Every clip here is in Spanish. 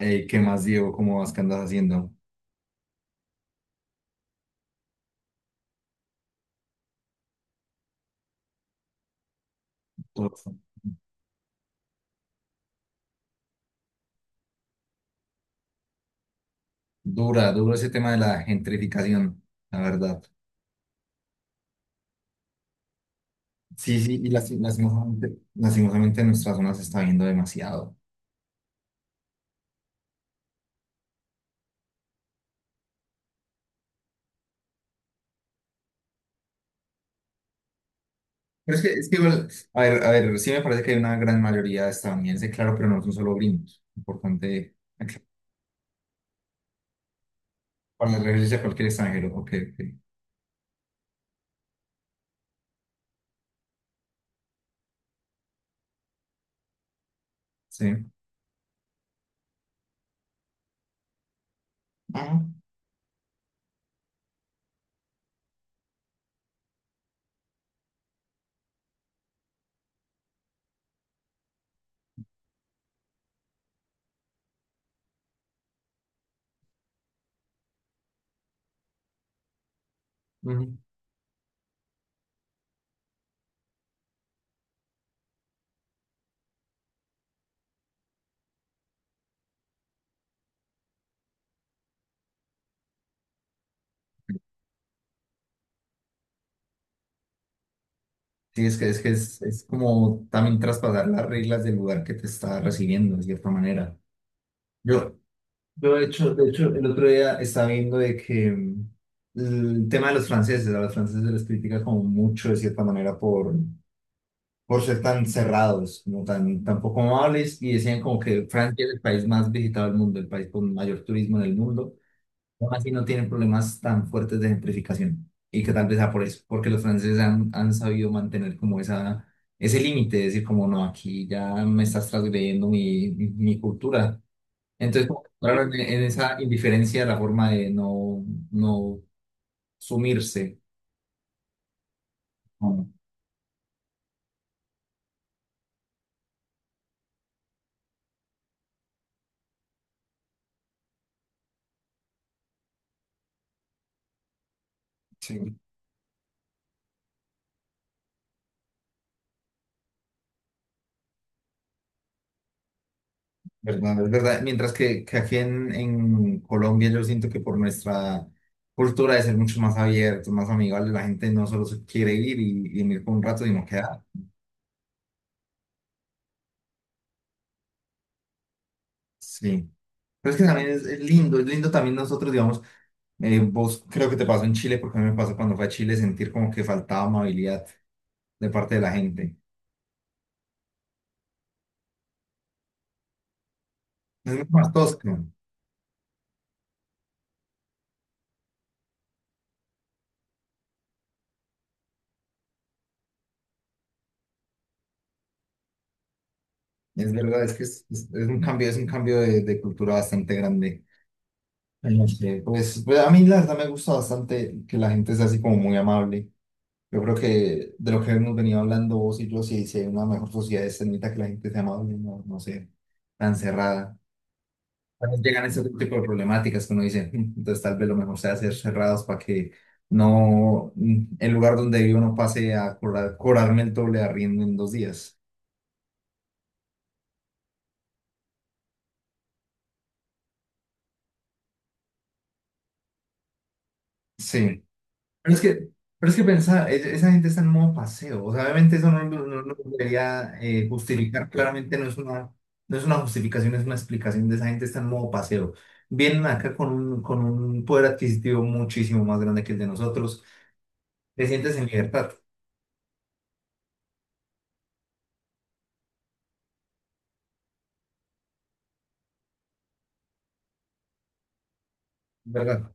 ¿Qué más, Diego? ¿Cómo vas? ¿Qué andas haciendo? Duro. Dura, duro ese tema de la gentrificación, la verdad. Sí, sí, lastimosamente, lastimosamente en nuestra zona se está viendo demasiado. Pero es que igual, a ver, sí me parece que hay una gran mayoría de estadounidenses, claro, pero no son solo gringos. Importante aclarar para referirse a cualquier extranjero. Ok, ok, sí. Ajá, ujú. Sí, es que es como también traspasar las reglas del lugar que te está recibiendo, de cierta manera. Yo, Yo, de hecho, el otro día estaba viendo de que el tema de los franceses, a los franceses se les critica como mucho, de cierta manera, por ser tan cerrados, como tan, tan poco amables, y decían como que Francia es el país más visitado del mundo, el país con mayor turismo en el mundo, aún así no tienen problemas tan fuertes de gentrificación. Y que tal vez sea por eso, porque los franceses han, han sabido mantener como esa, ese límite, es decir como no, aquí ya me estás transgrediendo mi, mi cultura. Entonces, como que claro, en esa indiferencia, la forma de no, no sumirse. ¿No? Sí, ¿verdad? Es verdad. Mientras que aquí en Colombia yo siento que por nuestra cultura de ser mucho más abiertos más amigables la gente no solo se quiere ir y venir por un rato, sino quedarse. Sí, pero es que también es lindo también nosotros, digamos, vos creo que te pasó en Chile, porque a mí me pasó cuando fue a Chile sentir como que faltaba amabilidad de parte de la gente. Es mucho más tosco, es verdad, es un cambio de cultura bastante grande. En la que, pues, pues a mí la verdad me gusta bastante que la gente sea así como muy amable. Yo creo que de lo que hemos venido hablando vos y yo, si, si hay una mejor sociedad es en mitad que la gente sea amable, no, no sé, tan cerrada. También llegan ese tipo de problemáticas que uno dice, "Mm, entonces tal vez lo mejor sea hacer cerrados para que no el lugar donde vivo no pase a cobrar, cobrarme el doble de arriendo en 2 días". Sí. Pero es que, pero es que pensar, esa gente está en modo paseo. O sea, obviamente eso no debería justificar. Claramente no es una, no es una justificación, es una explicación de esa gente está en modo paseo. Vienen acá con un poder adquisitivo muchísimo más grande que el de nosotros. Te sientes en libertad, ¿verdad?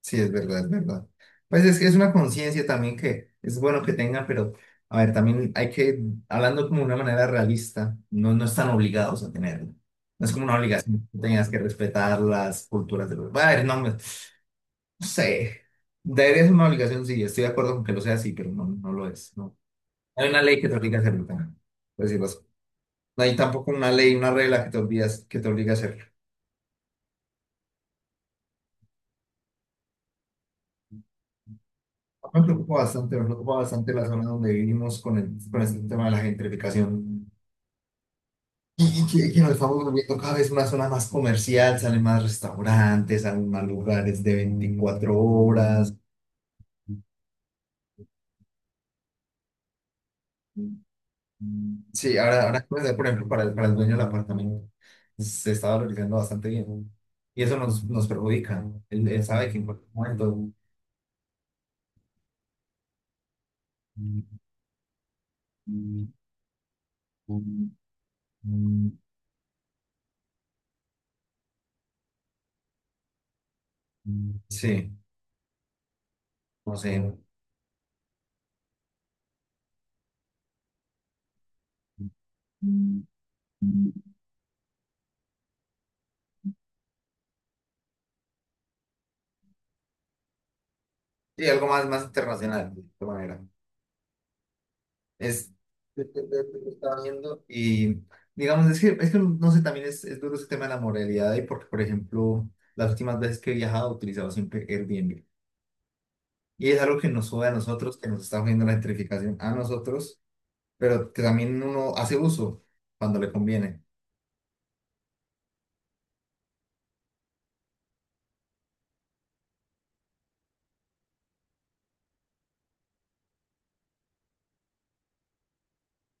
Sí, es verdad, es verdad. Pues es que es una conciencia también que es bueno que tengan, pero a ver, también hay que, hablando como de una manera realista, no, no están obligados a tenerlo. No es como una obligación, que tengas que respetar las culturas de los... A ver, no, no sé, debería ser una obligación, sí, estoy de acuerdo con que lo sea así, pero no, no lo es, no. No hay una ley que te obliga a hacerlo, también, por decirlo así. No hay tampoco una ley, una regla que te obligas, que te obliga a hacerlo. Me preocupa bastante la zona donde vivimos con el, con este tema de la gentrificación. Y que nos estamos volviendo cada vez una zona más comercial, salen más restaurantes, salen más lugares de 24 horas. Sí, ahora, ahora por ejemplo, para el dueño del apartamento, pues, se está valorizando bastante bien, ¿no? Y eso nos, nos perjudica. Él sabe que en cualquier momento, sí, no sé. Sí, algo más, más internacional, de esta manera. Es, lo estaba viendo y digamos, es que no sé, también es duro ese tema de la moralidad y porque, por ejemplo, las últimas veces que he viajado he utilizado siempre Airbnb. Y es algo que nos sube a nosotros, que nos está viendo la gentrificación a nosotros, pero que también uno hace uso cuando le conviene.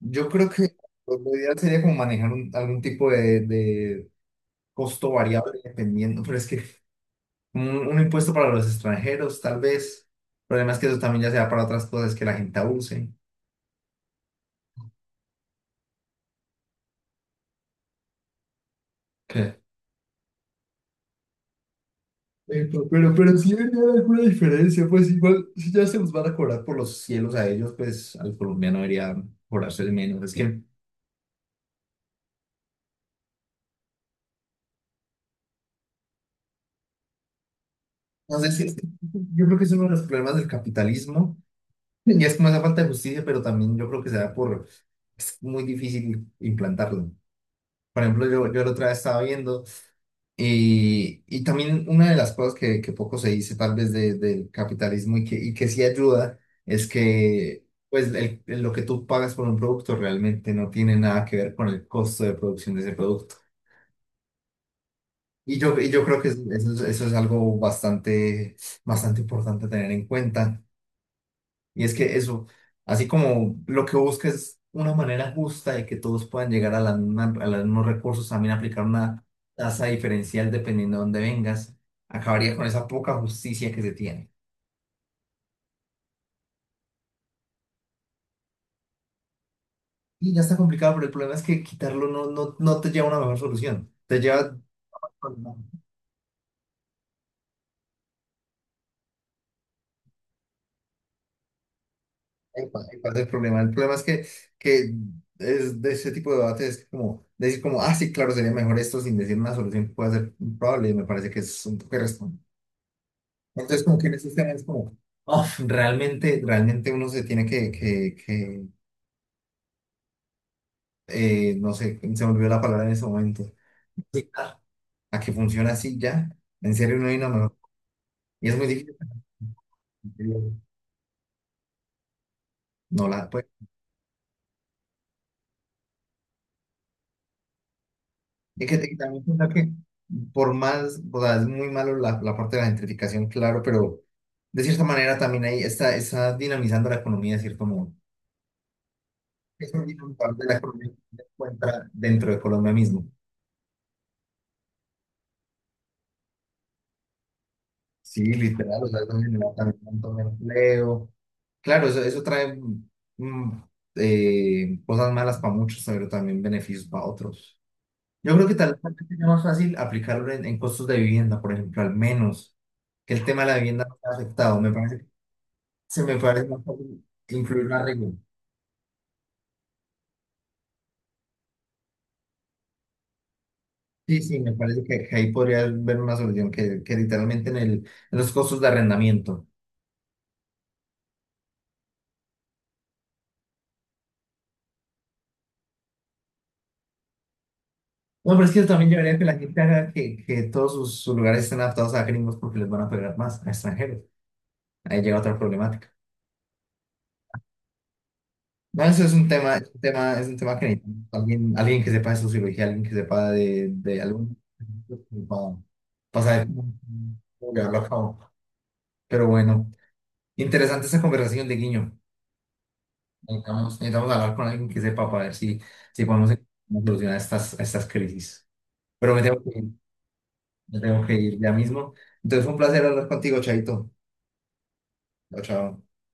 Yo creo que lo ideal sería como manejar algún tipo de costo variable dependiendo, pero es que un impuesto para los extranjeros, tal vez. El problema es que eso también ya sea para otras cosas que la gente abuse. Que pero, pero sí venía alguna diferencia, pues igual, si ya se los van a cobrar por los cielos a ellos, pues al colombiano debería cobrarse el menos. Es que, no sé si es que yo creo que es uno de los problemas del capitalismo, y es como esa falta de justicia, pero también yo creo que se da por, es muy difícil implantarlo. Por ejemplo, yo la otra vez estaba viendo. Y también una de las cosas que poco se dice tal vez del capitalismo y que sí ayuda es que pues lo que tú pagas por un producto realmente no tiene nada que ver con el costo de producción de ese producto. Y yo creo que eso, eso es algo bastante, bastante importante a tener en cuenta. Y es que eso, así como lo que busca es una manera justa de que todos puedan llegar a, a los mismos recursos, también aplicar una tasa diferencial dependiendo de dónde vengas, acabaría con esa poca justicia que se tiene. Y ya está complicado, pero el problema es que quitarlo no, no te lleva a una mejor solución. Te lleva... Ahí pasa el problema. El problema es que es de ese tipo de debates es como decir como, ah, sí, claro, sería mejor esto sin decir una solución que pueda ser probable. Me parece que es un poco irresponsable. Entonces, como que en esos temas, como, uf, realmente, realmente uno se tiene que no sé, se me olvidó la palabra en ese momento. Adaptar. A que funciona así ya. En serio, no hay nada mejor. Y es muy difícil. No la, pues, es que también piensa que por más, o sea, es muy malo la, la parte de la gentrificación, claro, pero de cierta manera también ahí está, está dinamizando la economía de cierto modo. Es un dinamizador de la economía que se encuentra dentro de Colombia mismo. Sí, literal, o sea, eso genera también un montón de empleo. Claro, eso trae mm, cosas malas para muchos, pero también beneficios para otros. Yo creo que tal vez también sería más fácil aplicarlo en costos de vivienda, por ejemplo, al menos que el tema de la vivienda no sea afectado. Me parece, se me parece más fácil incluir una regla. Sí, sí, me parece que ahí podría haber una solución que literalmente en el, en los costos de arrendamiento. No, pero es que también llevaría que la gente haga que todos sus, sus lugares estén adaptados a gringos porque les van a pegar más a extranjeros. Ahí llega otra problemática. No, eso es un tema, es un tema que necesitamos. Alguien, alguien que sepa de sociología, alguien que sepa de algún para, para saber cómo cómo llevarlo a cabo. Pero bueno, interesante esa conversación de Guiño. Necesitamos, necesitamos hablar con alguien que sepa para ver si, si podemos solucionar estas, estas crisis. Pero me tengo que ir, me tengo que ir ya mismo. Entonces fue un placer hablar contigo, Chaito. Chao, chao.